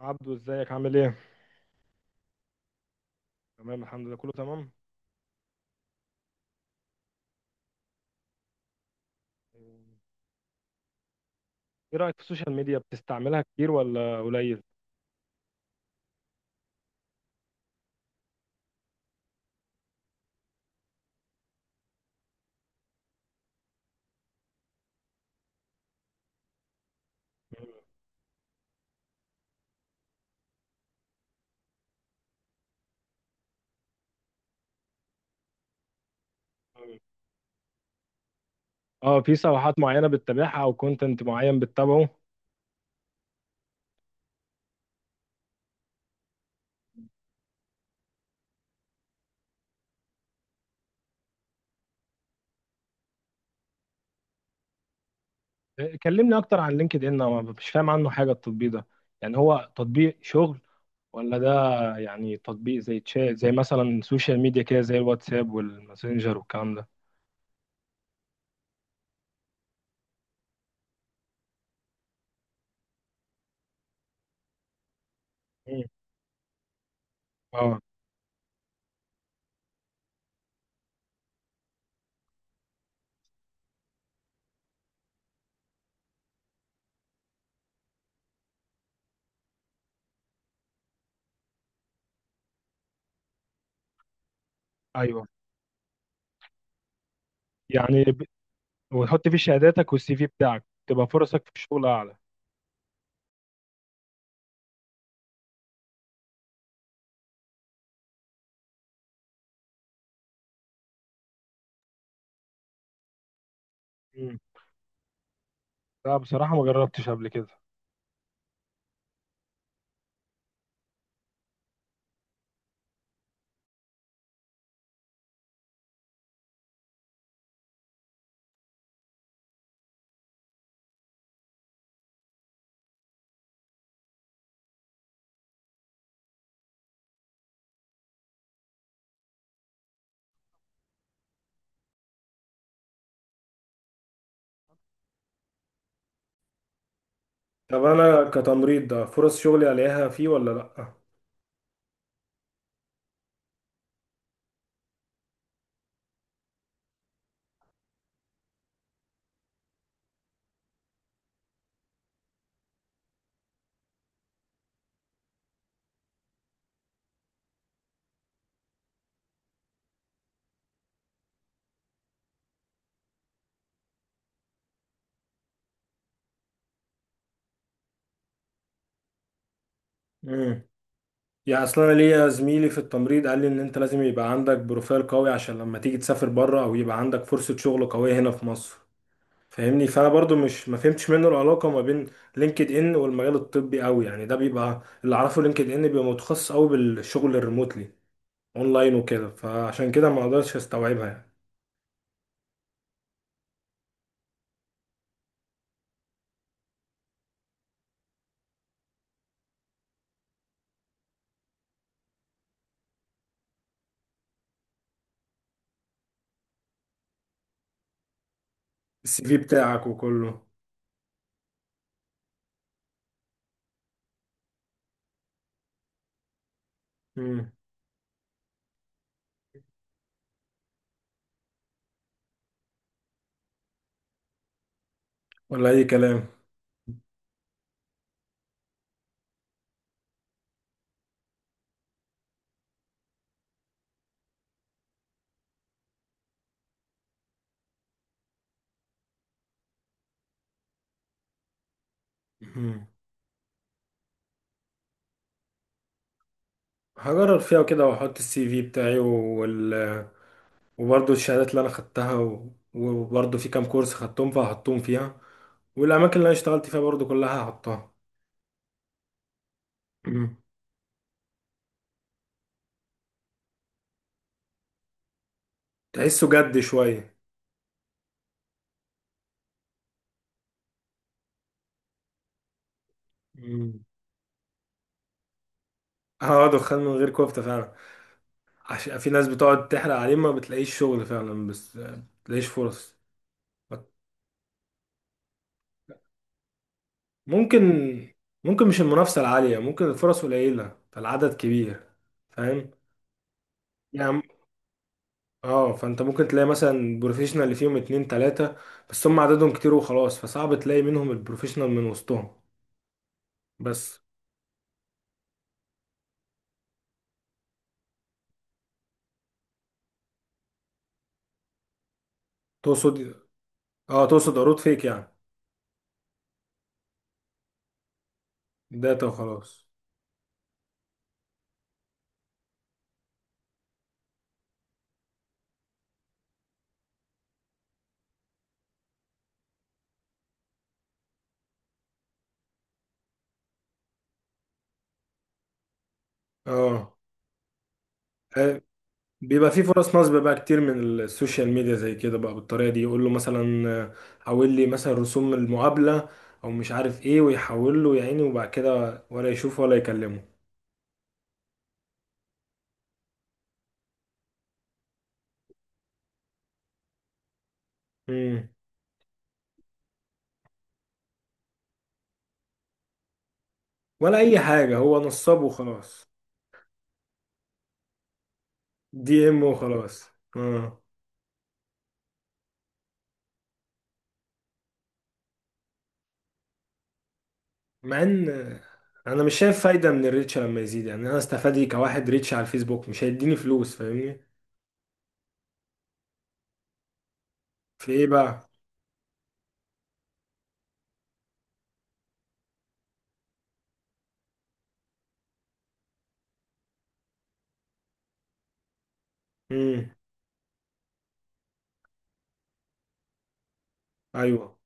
عبدو، ازيك؟ عامل ايه؟ تمام، الحمد لله، كله تمام. ايه رأيك في السوشيال ميديا؟ بتستعملها كتير ولا قليل؟ اه، في صفحات معينة بتتابعها او كونتنت معين بتتابعه؟ إيه، كلمني اكتر عن لينكد ان، انا مش فاهم عنه حاجة. التطبيق ده يعني هو تطبيق شغل ولا ده يعني تطبيق زي تشات، زي مثلا سوشيال ميديا كده، زي الواتساب والماسنجر والكلام ده؟ مم. اه، ايوه، يعني وتحط فيه شهاداتك والسي في بتاعك تبقى فرصك في الشغل اعلى. مم. لا، بصراحة ما جربتش قبل كده. طب انا كتمريض ده، فرص شغلي الاقيها فيه ولا لا؟ امم. يعني اصلا انا ليا زميلي في التمريض قال لي ان انت لازم يبقى عندك بروفايل قوي عشان لما تيجي تسافر بره او يبقى عندك فرصة شغل قوية هنا في مصر، فاهمني؟ فانا برضو مش ما فهمتش منه العلاقة ما بين لينكد ان والمجال الطبي قوي، يعني ده بيبقى اللي اعرفه، لينكد ان بيبقى متخصص قوي بالشغل الريموتلي اونلاين وكده، فعشان كده ما اقدرش استوعبها يعني. السي في بتاعك وكله. امم. ولا اي كلام. مهم. هجرب فيها وكده واحط السي في بتاعي وبرضه الشهادات اللي انا خدتها وبرضه في كام كورس خدتهم فهحطهم فيها، والاماكن اللي انا اشتغلت فيها برضه كلها هحطها. مم. تحسه جد شويه. مم. اه، دخان من غير كفته فعلا. عشان في ناس بتقعد تحرق عليه، ما بتلاقيش شغل فعلا، بس ما بتلاقيش فرص. ممكن. ممكن مش المنافسة العالية، ممكن الفرص قليلة فالعدد كبير. فاهم. يعني، اه، فانت ممكن تلاقي مثلا بروفيشنال اللي فيهم اتنين تلاتة. بس هم عددهم كتير وخلاص، فصعب تلاقي منهم البروفيشنال من وسطهم. بس. تقصد اه تقصد عروض فيك يعني؟ داتا وخلاص. اه. آه. بيبقى في فرص نصب بقى كتير من السوشيال ميديا زي كده، بقى بالطريقة دي، يقول له مثلا حول لي مثلا رسوم المقابلة، او مش عارف ايه، ويحول له يا عيني، وبعد كده ولا يشوفه ولا يكلمه. مم. ولا اي حاجة، هو نصاب وخلاص. دي ام وخلاص. اه. مع ان انا مش شايف فايدة من الريتش لما يزيد، يعني انا استفادي كواحد، ريتش على الفيسبوك مش هيديني فلوس، فاهمني؟ في ايه بقى؟ امم. ايوه.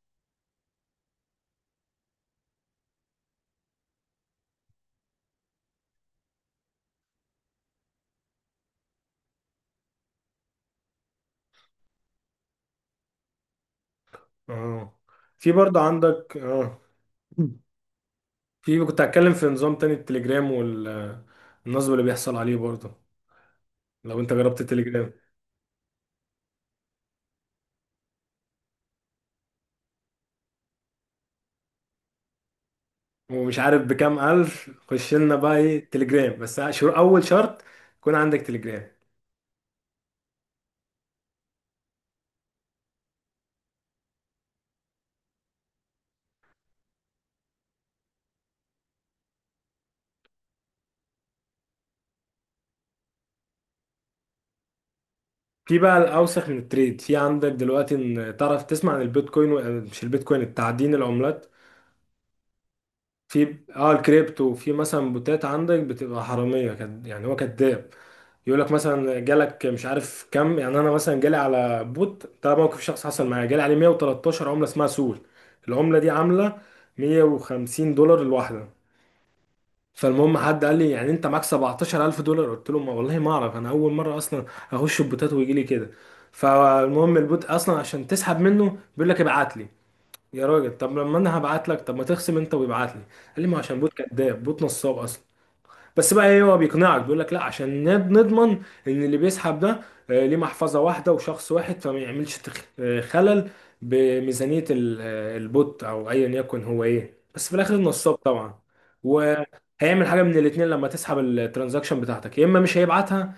اه، في برضه عندك، اه. في، كنت هتكلم في نظام تاني، التليجرام والنصب اللي بيحصل عليه برضه. لو انت جربت التليجرام؟ ومش عارف بكام الف، خش لنا بقى ايه تليجرام، بس اول شرط يكون عندك تليجرام. في بقى الاوسخ من التريد، في عندك دلوقتي ان تعرف تسمع عن البيتكوين مش البيتكوين، التعدين العملات. في، اه، الكريبتو، وفي مثلا بوتات عندك بتبقى حراميه يعني هو كذاب. يقول لك مثلا جالك مش عارف كم، يعني انا مثلا جالي على بوت ده، موقف شخص حصل معايا، جالي عليه 113 عمله اسمها سول. العمله دي عامله 150 دولار الواحده. فالمهم حد قال لي يعني انت معاك 17000 دولار، قلت له ما والله ما اعرف، انا اول مره اصلا اخش البوتات ويجي لي كده. فالمهم البوت اصلا عشان تسحب منه بيقول لك ابعت لي. يا راجل، طب لما انا هبعت لك، طب ما تخصم انت ويبعت لي. قال لي ما عشان بوت كذاب، بوت نصاب اصلا. بس بقى ايه، هو بيقنعك بيقول لك لا عشان نضمن ان اللي بيسحب ده ليه محفظه واحده وشخص واحد، فما يعملش خلل بميزانيه البوت، او ايا يكن هو ايه، بس في الاخر النصاب طبعا. وهيعمل حاجه من الاتنين، لما تسحب الترانزاكشن بتاعتك، يا اما مش هيبعتها،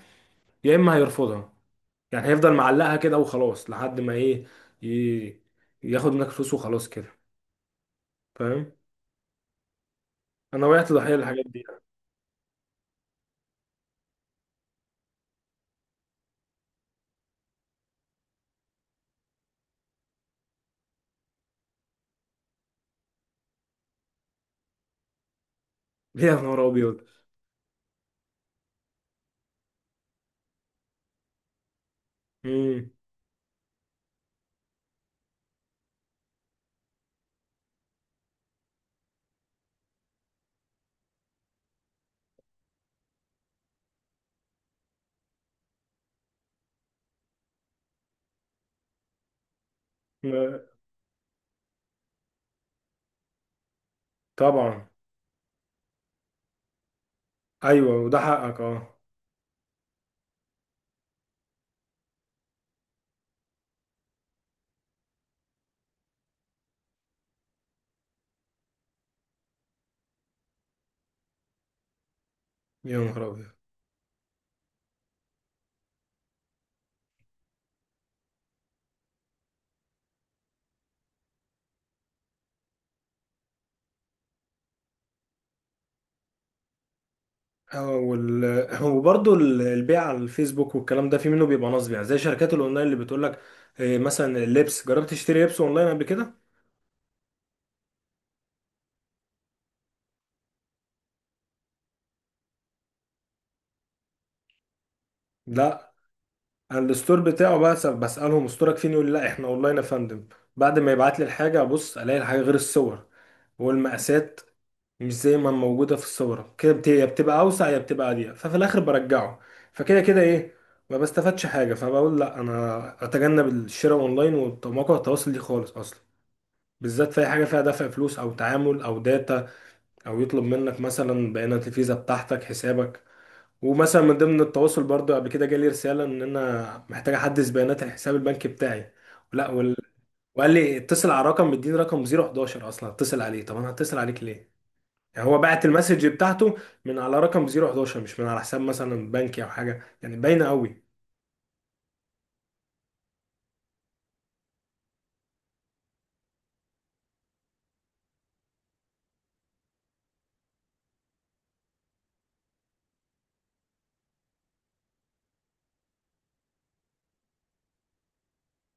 يا اما هيرفضها. يعني هيفضل معلقها كده وخلاص لحد ما ايه، ي- ياخد منك فلوس وخلاص كده. فاهم. انا وقعت ضحيه للحاجات دي. يا نهار ابيض. مم. لا، طبعا. ايوه، وده حقك، اه. يا نهار ابيض. وبرضه البيع على الفيسبوك والكلام ده، في منه بيبقى نصب، يعني زي شركات الاونلاين اللي بتقول لك مثلا اللبس، جربت تشتري لبس اونلاين قبل كده؟ لا، أنا الستور بتاعه بقى بسالهم استورك فين، يقول لي لا، احنا اونلاين يا فندم. بعد ما يبعت لي الحاجه، ابص الاقي الحاجه غير الصور والمقاسات، مش زي ما موجودة في الصورة، كده يا بتبقى أوسع يا بتبقى أضيق، ففي الآخر برجعه. فكده كده إيه، ما بستفادش حاجة، فبقول لأ أنا أتجنب الشراء أونلاين ومواقع التواصل دي خالص أصلا، بالذات في أي حاجة فيها دفع فلوس أو تعامل أو داتا، أو يطلب منك مثلا بيانات الفيزا بتاعتك، حسابك. ومثلا من ضمن التواصل برضه، قبل كده جالي رسالة إن أنا محتاج أحدث بيانات الحساب البنكي بتاعي. لا، وقال لي اتصل على رقم، مديني رقم 011 أصلا، اتصل عليه. طب أنا هتصل عليك ليه؟ هو بعت المسج بتاعته من على رقم 011، مش من على حساب مثلا بنكي او حاجه، يعني باينه قوي.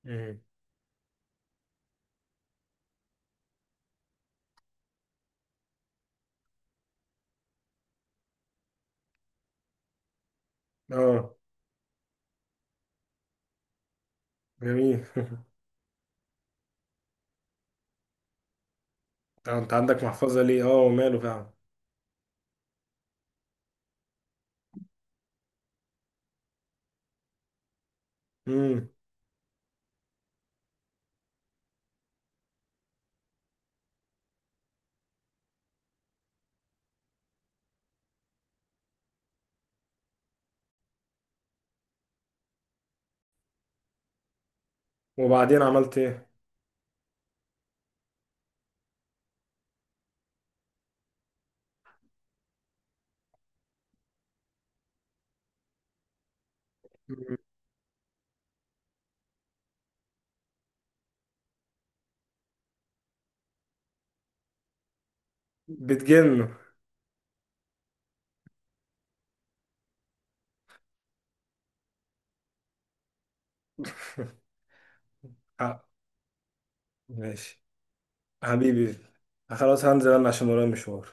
مم. اه. جميل. طب انت عندك محفظه ليه؟ اه، وماله فعلا. امم. وبعدين عملت ايه؟ مم. بتجنه. حق. ماشي. حبيبي. خلاص، هنزل انا عشان ورايا مشوار.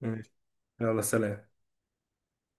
ماشي. يلا سلام.